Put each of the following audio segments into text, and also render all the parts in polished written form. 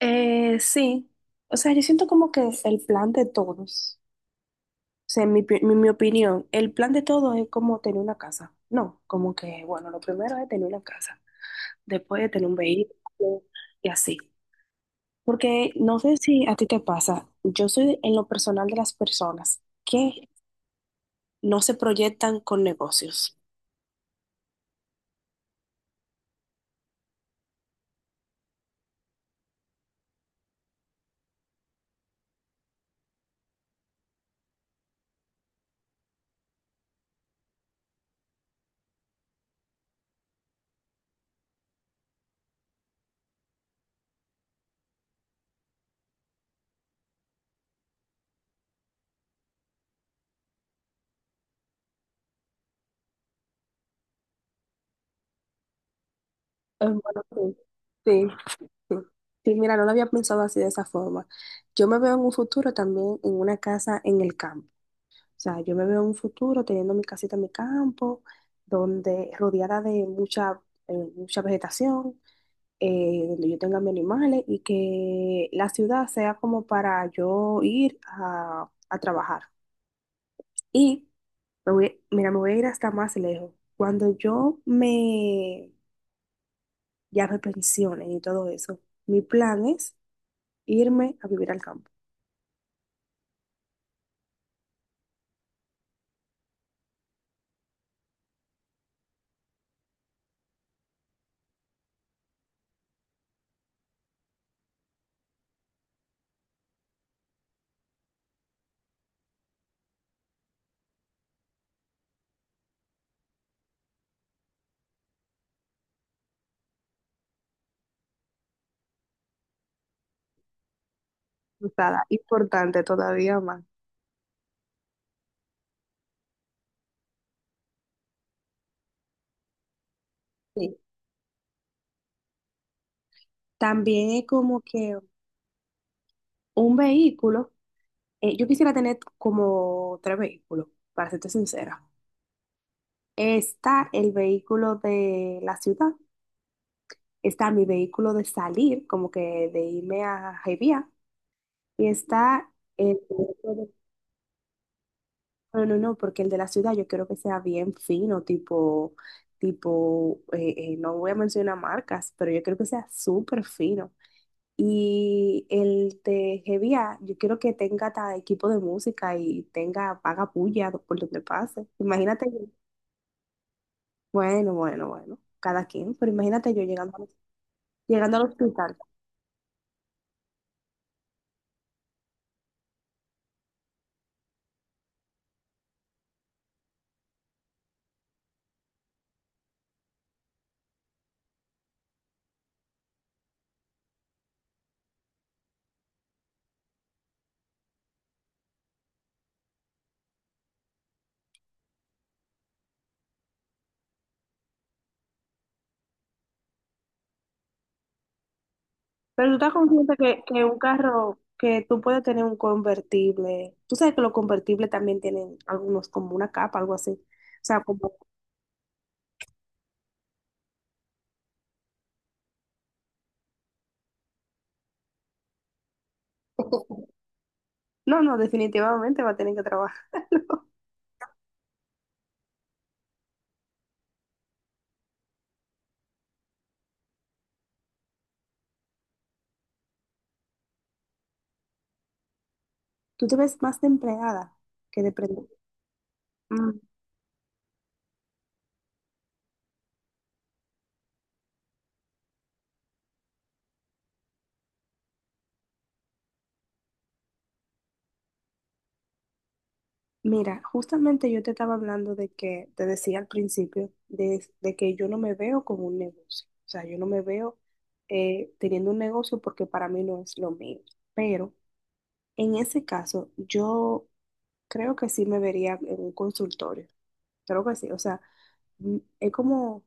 Eh, sí, o sea, yo siento como que el plan de todos, o sea, en mi opinión, el plan de todos es como tener una casa. No, como que, bueno, lo primero es tener una casa. Después de tener un vehículo y así. Porque no sé si a ti te pasa, yo soy en lo personal de las personas que no se proyectan con negocios. Bueno, sí, sí, sí. Sí, mira, no lo había pensado así de esa forma. Yo me veo en un futuro también en una casa en el campo. O sea, yo me veo en un futuro teniendo mi casita en mi campo, donde rodeada de mucha, mucha vegetación donde yo tenga mis animales y que la ciudad sea como para yo ir a trabajar. Y me voy, mira, me voy a ir hasta más lejos. Cuando yo me ya me pensione y todo eso, mi plan es irme a vivir al campo. O sea, importante todavía más. Sí. También es como que un vehículo, yo quisiera tener como tres vehículos, para serte sincera. Está el vehículo de la ciudad, está mi vehículo de salir, como que de irme a Jaivía, y está el vehículo de- No, no, no, porque el de la ciudad yo quiero que sea bien fino, tipo, tipo, no voy a mencionar marcas, pero yo quiero que sea súper fino. Y el de Hevia, yo quiero que tenga hasta equipo de música y tenga paga puya por donde pase. Imagínate, yo- bueno, bueno, bueno, cada quien, pero imagínate yo llegando al hospital. Pero tú estás consciente que, un carro, que tú puedes tener un convertible. Tú sabes que los convertibles también tienen algunos como una capa, algo así. O sea, como... No, no, definitivamente va a tener que trabajar. Tú te ves más de empleada que de prende- Mm. Mira, justamente yo te estaba hablando de que, te decía al principio, de que yo no me veo como un negocio. O sea, yo no me veo teniendo un negocio porque para mí no es lo mío. Pero en ese caso, yo creo que sí me vería en un consultorio. Creo que sí. O sea, mm, es como,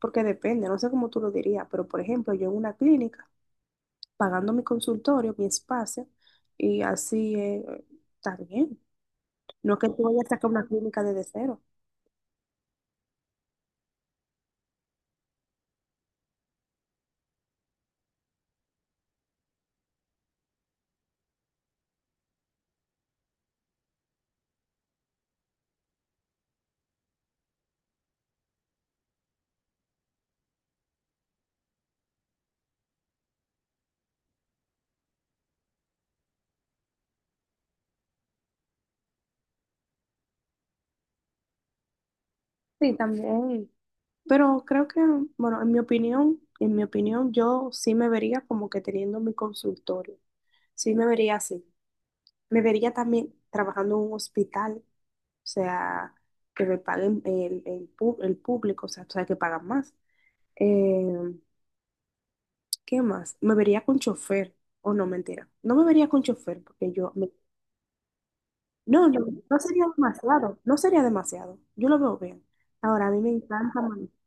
porque depende, no sé cómo tú lo dirías, pero por ejemplo, yo en una clínica, pagando mi consultorio, mi espacio, y así está bien. No es que tú vayas a sacar una clínica desde cero. Sí, también. Pero creo que, bueno, en mi opinión, yo sí me vería como que teniendo mi consultorio. Sí me vería así. Me vería también trabajando en un hospital, o sea, que me paguen pu- el público, o sea, tú sabes que pagan más. Eh, ¿Qué más? Me vería con chofer, o no, mentira. No me vería con chofer, porque yo, me- no, no, no sería demasiado, no sería demasiado, yo lo veo bien. Ahora, a mí me encanta manejar.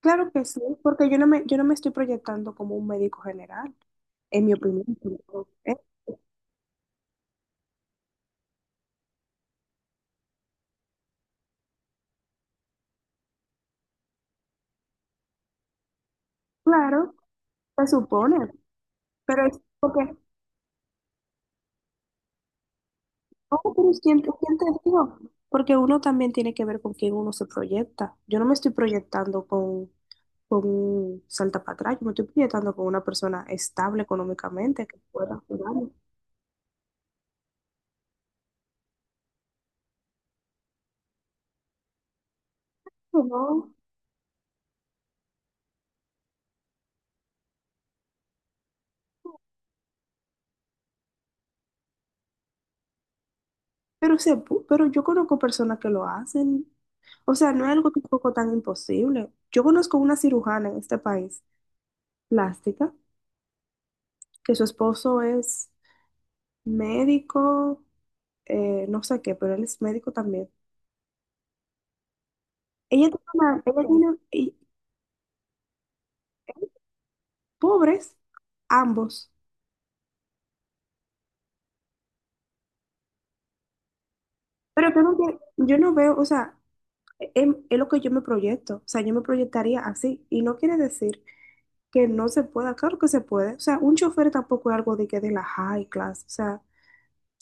Claro que sí, porque yo no me estoy proyectando como un médico general, en mi opinión. ¿Eh? Claro, se supone, pero es porque No, pero ¿ quién te dijo? Porque uno también tiene que ver con quién uno se proyecta. Yo no me estoy proyectando con un salta para atrás, yo me estoy proyectando con una persona estable económicamente que pueda ayudarme. No, no, pero, pu- pero yo conozco personas que lo hacen. O sea, no es algo tampoco tan imposible. Yo conozco una cirujana en este país, plástica, que su esposo es médico, no sé qué, pero él es médico también. Ella tiene, pobres, ambos. Pero que no tiene- yo no veo, o sea, es lo que yo me proyecto, o sea, yo me proyectaría así. Y no quiere decir que no se pueda, claro que se puede. O sea, un chofer tampoco es algo de que de la high class, o sea,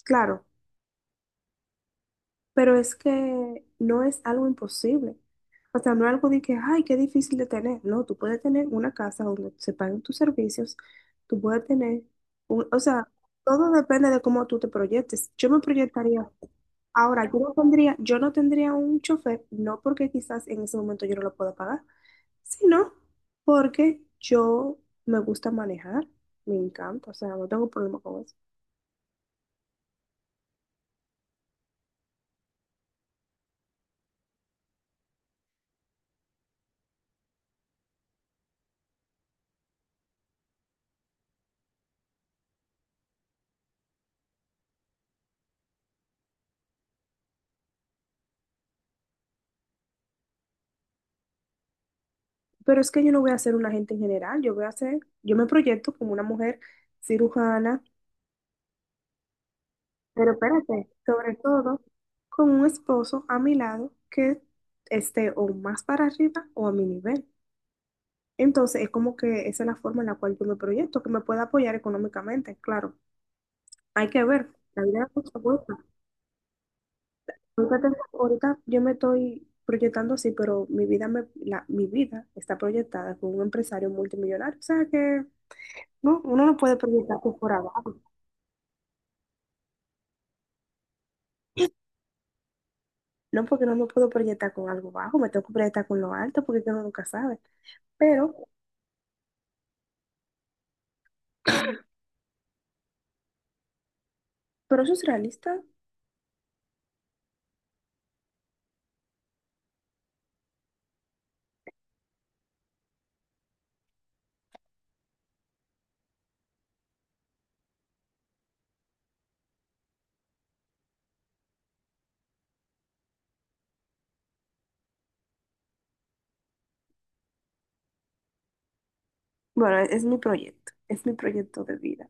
claro, pero es que no es algo imposible. O sea, no es algo de que, ay, qué difícil de tener. No, tú puedes tener una casa donde se paguen tus servicios, tú puedes tener, un- o sea, todo depende de cómo tú te proyectes. Yo me proyectaría. Ahora, yo no tendría un chofer, no porque quizás en ese momento yo no lo pueda pagar, sino porque yo me gusta manejar, me encanta, o sea, no tengo problema con eso. Pero es que yo no voy a ser un agente en general, yo voy a ser, yo me proyecto como una mujer cirujana, pero espérate, sobre todo con un esposo a mi lado que esté o más para arriba o a mi nivel. Entonces, es como que esa es la forma en la cual yo me proyecto, que me pueda apoyar económicamente, claro. Hay que ver, la vida da muchas vueltas. Ahorita tengo- ahorita yo me estoy proyectando así, pero mi vida está proyectada con un empresario multimillonario. O sea que no, uno no puede proyectar por abajo. No porque no me puedo proyectar con algo bajo, me tengo que proyectar con lo alto porque uno nunca sabe. Pero, pero eso es realista. Bueno, es mi proyecto de vida.